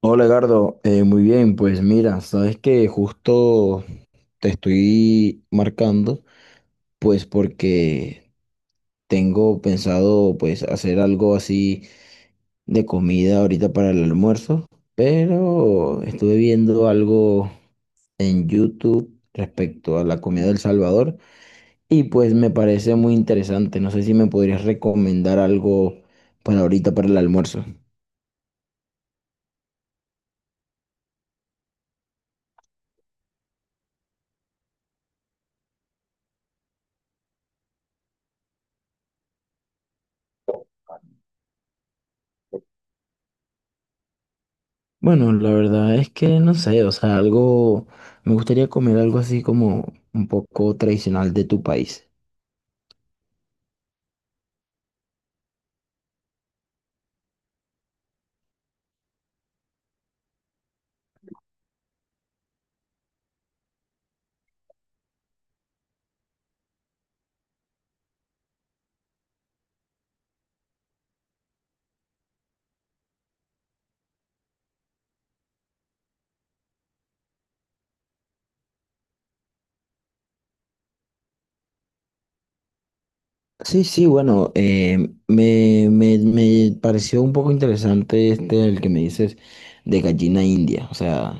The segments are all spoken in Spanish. Hola, Gardo. Muy bien, pues mira, sabes que justo te estoy marcando, pues porque tengo pensado pues hacer algo así de comida ahorita para el almuerzo, pero estuve viendo algo en YouTube respecto a la comida del Salvador y pues me parece muy interesante. No sé si me podrías recomendar algo para ahorita para el almuerzo. Bueno, la verdad es que no sé, o sea, algo, me gustaría comer algo así como un poco tradicional de tu país. Sí, sí, bueno, me pareció un poco interesante este, el que me dices de gallina india, o sea,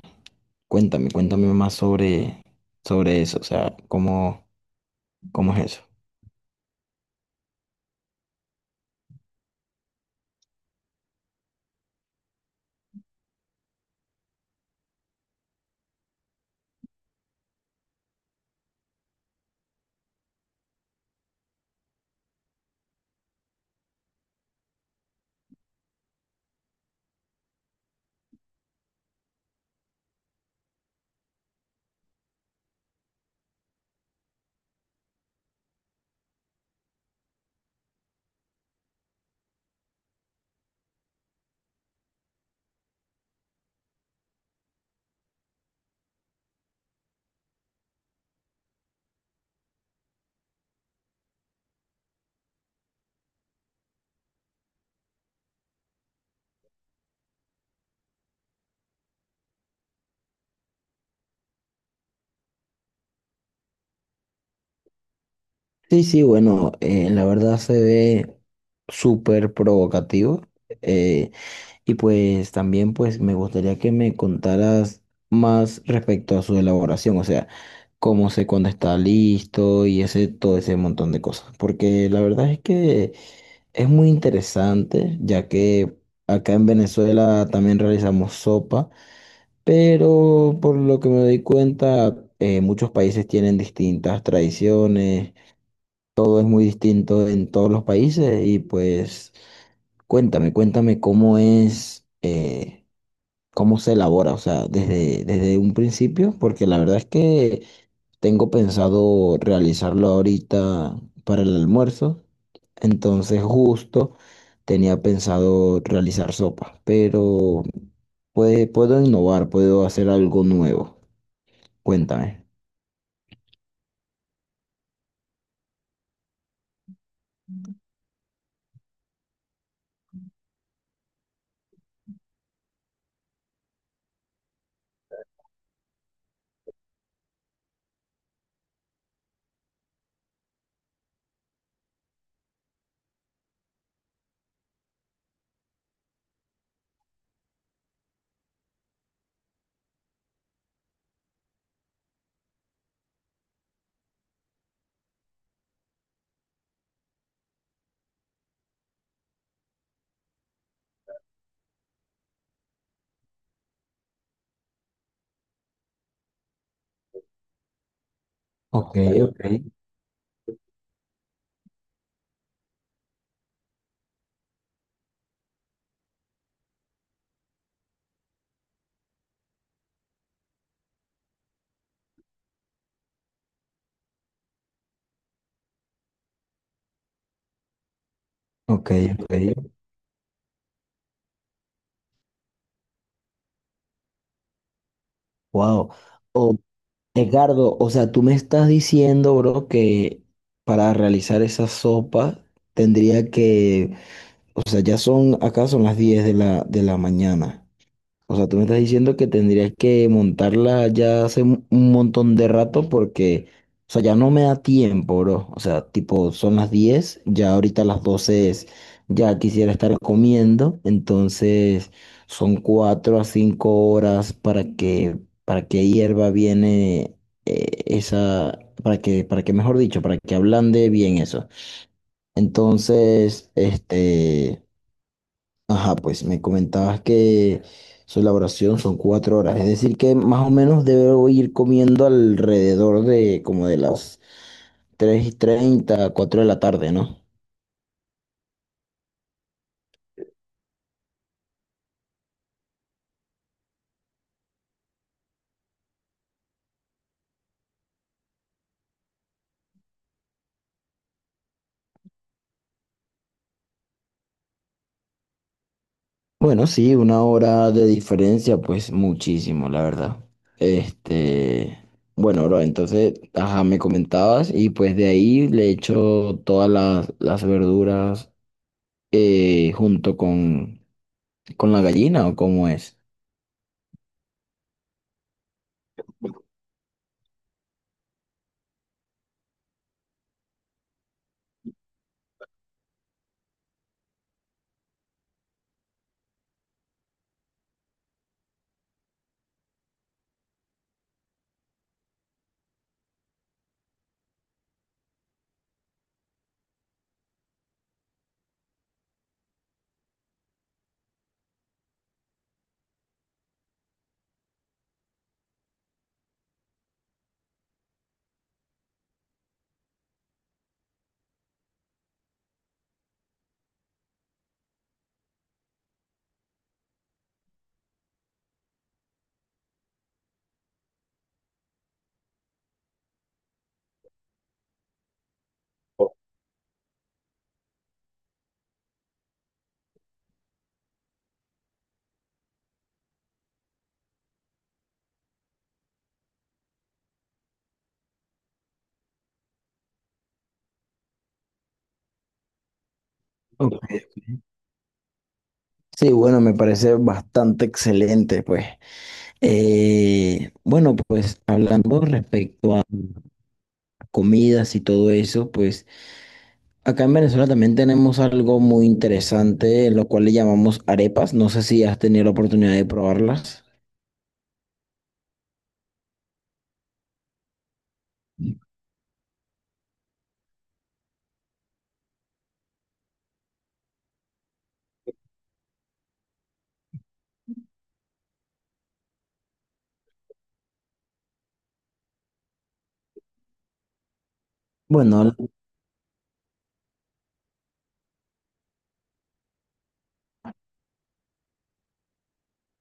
cuéntame, más sobre eso, o sea, cómo es eso. Sí, sí, bueno, la verdad se ve súper provocativo. eh, Y pues también pues me gustaría que me contaras más respecto a su elaboración, o sea, cómo sé cuándo está listo y ese todo ese montón de cosas, porque la verdad es que es muy interesante, ya que acá en Venezuela también realizamos sopa, pero por lo que me doy cuenta, muchos países tienen distintas tradiciones, todo es muy distinto en todos los países y pues cuéntame, cómo es. Cómo se elabora, o sea, desde un principio, porque la verdad es que tengo pensado realizarlo ahorita para el almuerzo, entonces justo tenía pensado realizar sopa, pero puedo innovar, puedo hacer algo nuevo. Cuéntame. Ok, ok, ok, ok. Wow. O, Edgardo, o sea, tú me estás diciendo, bro, que para realizar esa sopa tendría que… O sea, ya son, acá son las 10 de la, mañana. O sea, tú me estás diciendo que tendrías que montarla ya hace un montón de rato porque, o sea, ya no me da tiempo, bro. O sea, tipo, son las 10, ya ahorita las 12, es, ya quisiera estar comiendo. Entonces, son 4 a 5 horas para que, para que, hierva bien para que, mejor dicho, para que ablande bien eso. Entonces, este… Ajá, pues me comentabas que su elaboración son 4 horas, es decir que más o menos debo ir comiendo alrededor de como de las 3:30, 4 de la tarde, ¿no? Bueno, sí, 1 hora de diferencia, pues muchísimo, la verdad. Este, bueno, bro, entonces, ajá, me comentabas y pues de ahí le echo todas las, verduras junto con la gallina o cómo es. Ok. Sí, bueno, me parece bastante excelente, pues. Bueno, pues hablando respecto a comidas y todo eso, pues acá en Venezuela también tenemos algo muy interesante, lo cual le llamamos arepas. No sé si has tenido la oportunidad de probarlas. Bueno,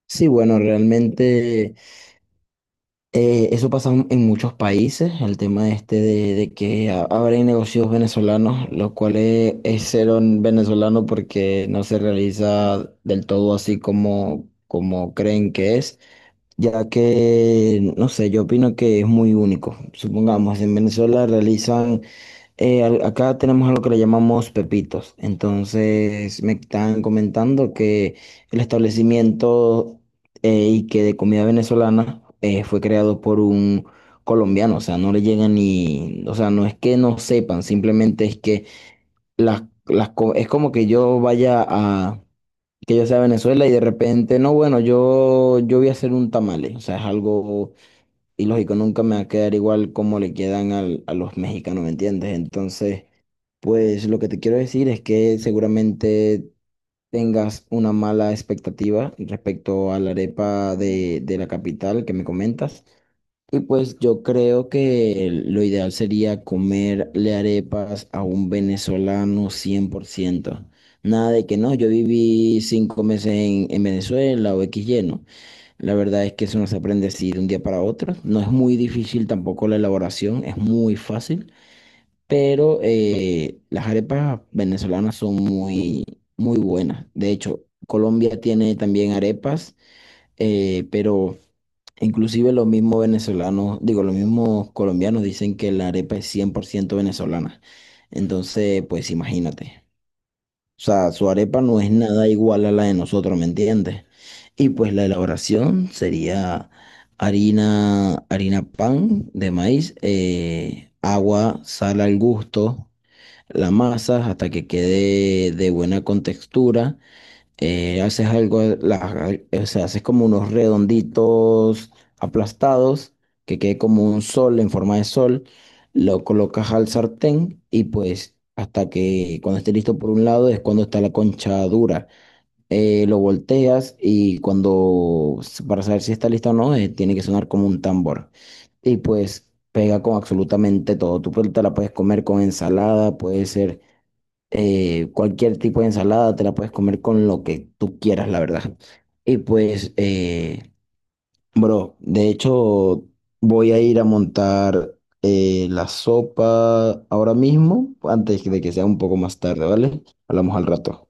sí, bueno, realmente, eso pasa en muchos países, el tema este de que ahora hay negocios venezolanos, lo cual es, cero en venezolano porque no se realiza del todo así como creen que es, ya que, no sé, yo opino que es muy único. Supongamos, en Venezuela realizan… Acá tenemos algo que le llamamos pepitos. Entonces me están comentando que el establecimiento y que de comida venezolana fue creado por un colombiano. O sea, no le llegan ni, o sea, no es que no sepan, simplemente es que es como que yo vaya a, que yo sea a Venezuela y de repente, no, bueno, yo voy a hacer un tamale. O sea, es algo y lógico, nunca me va a quedar igual como le quedan a los mexicanos, ¿me entiendes? Entonces, pues lo que te quiero decir es que seguramente tengas una mala expectativa respecto a la arepa de, la capital que me comentas. Y pues yo creo que lo ideal sería comerle arepas a un venezolano 100%. Nada de que no, yo viví 5 meses en Venezuela o X lleno. La verdad es que eso no se aprende así de un día para otro. No es muy difícil tampoco la elaboración, es muy fácil, pero las arepas venezolanas son muy, muy buenas. De hecho, Colombia tiene también arepas, pero inclusive los mismos venezolanos, digo, los mismos colombianos dicen que la arepa es 100% venezolana. Entonces, pues imagínate. O sea, su arepa no es nada igual a la de nosotros, ¿me entiendes? Y pues la elaboración sería harina, harina pan de maíz, agua, sal al gusto, la masa hasta que quede de buena contextura haces algo, o sea, haces como unos redonditos aplastados que quede como un sol en forma de sol, lo colocas al sartén y pues hasta que cuando esté listo por un lado es cuando está la concha dura. Lo volteas y cuando, para saber si está lista o no, tiene que sonar como un tambor. Y pues pega con absolutamente todo. Tú pues, te la puedes comer con ensalada, puede ser cualquier tipo de ensalada te la puedes comer con lo que tú quieras, la verdad. Y pues, bro, de hecho, voy a ir a montar la sopa ahora mismo, antes de que sea un poco más tarde, ¿vale? Hablamos al rato.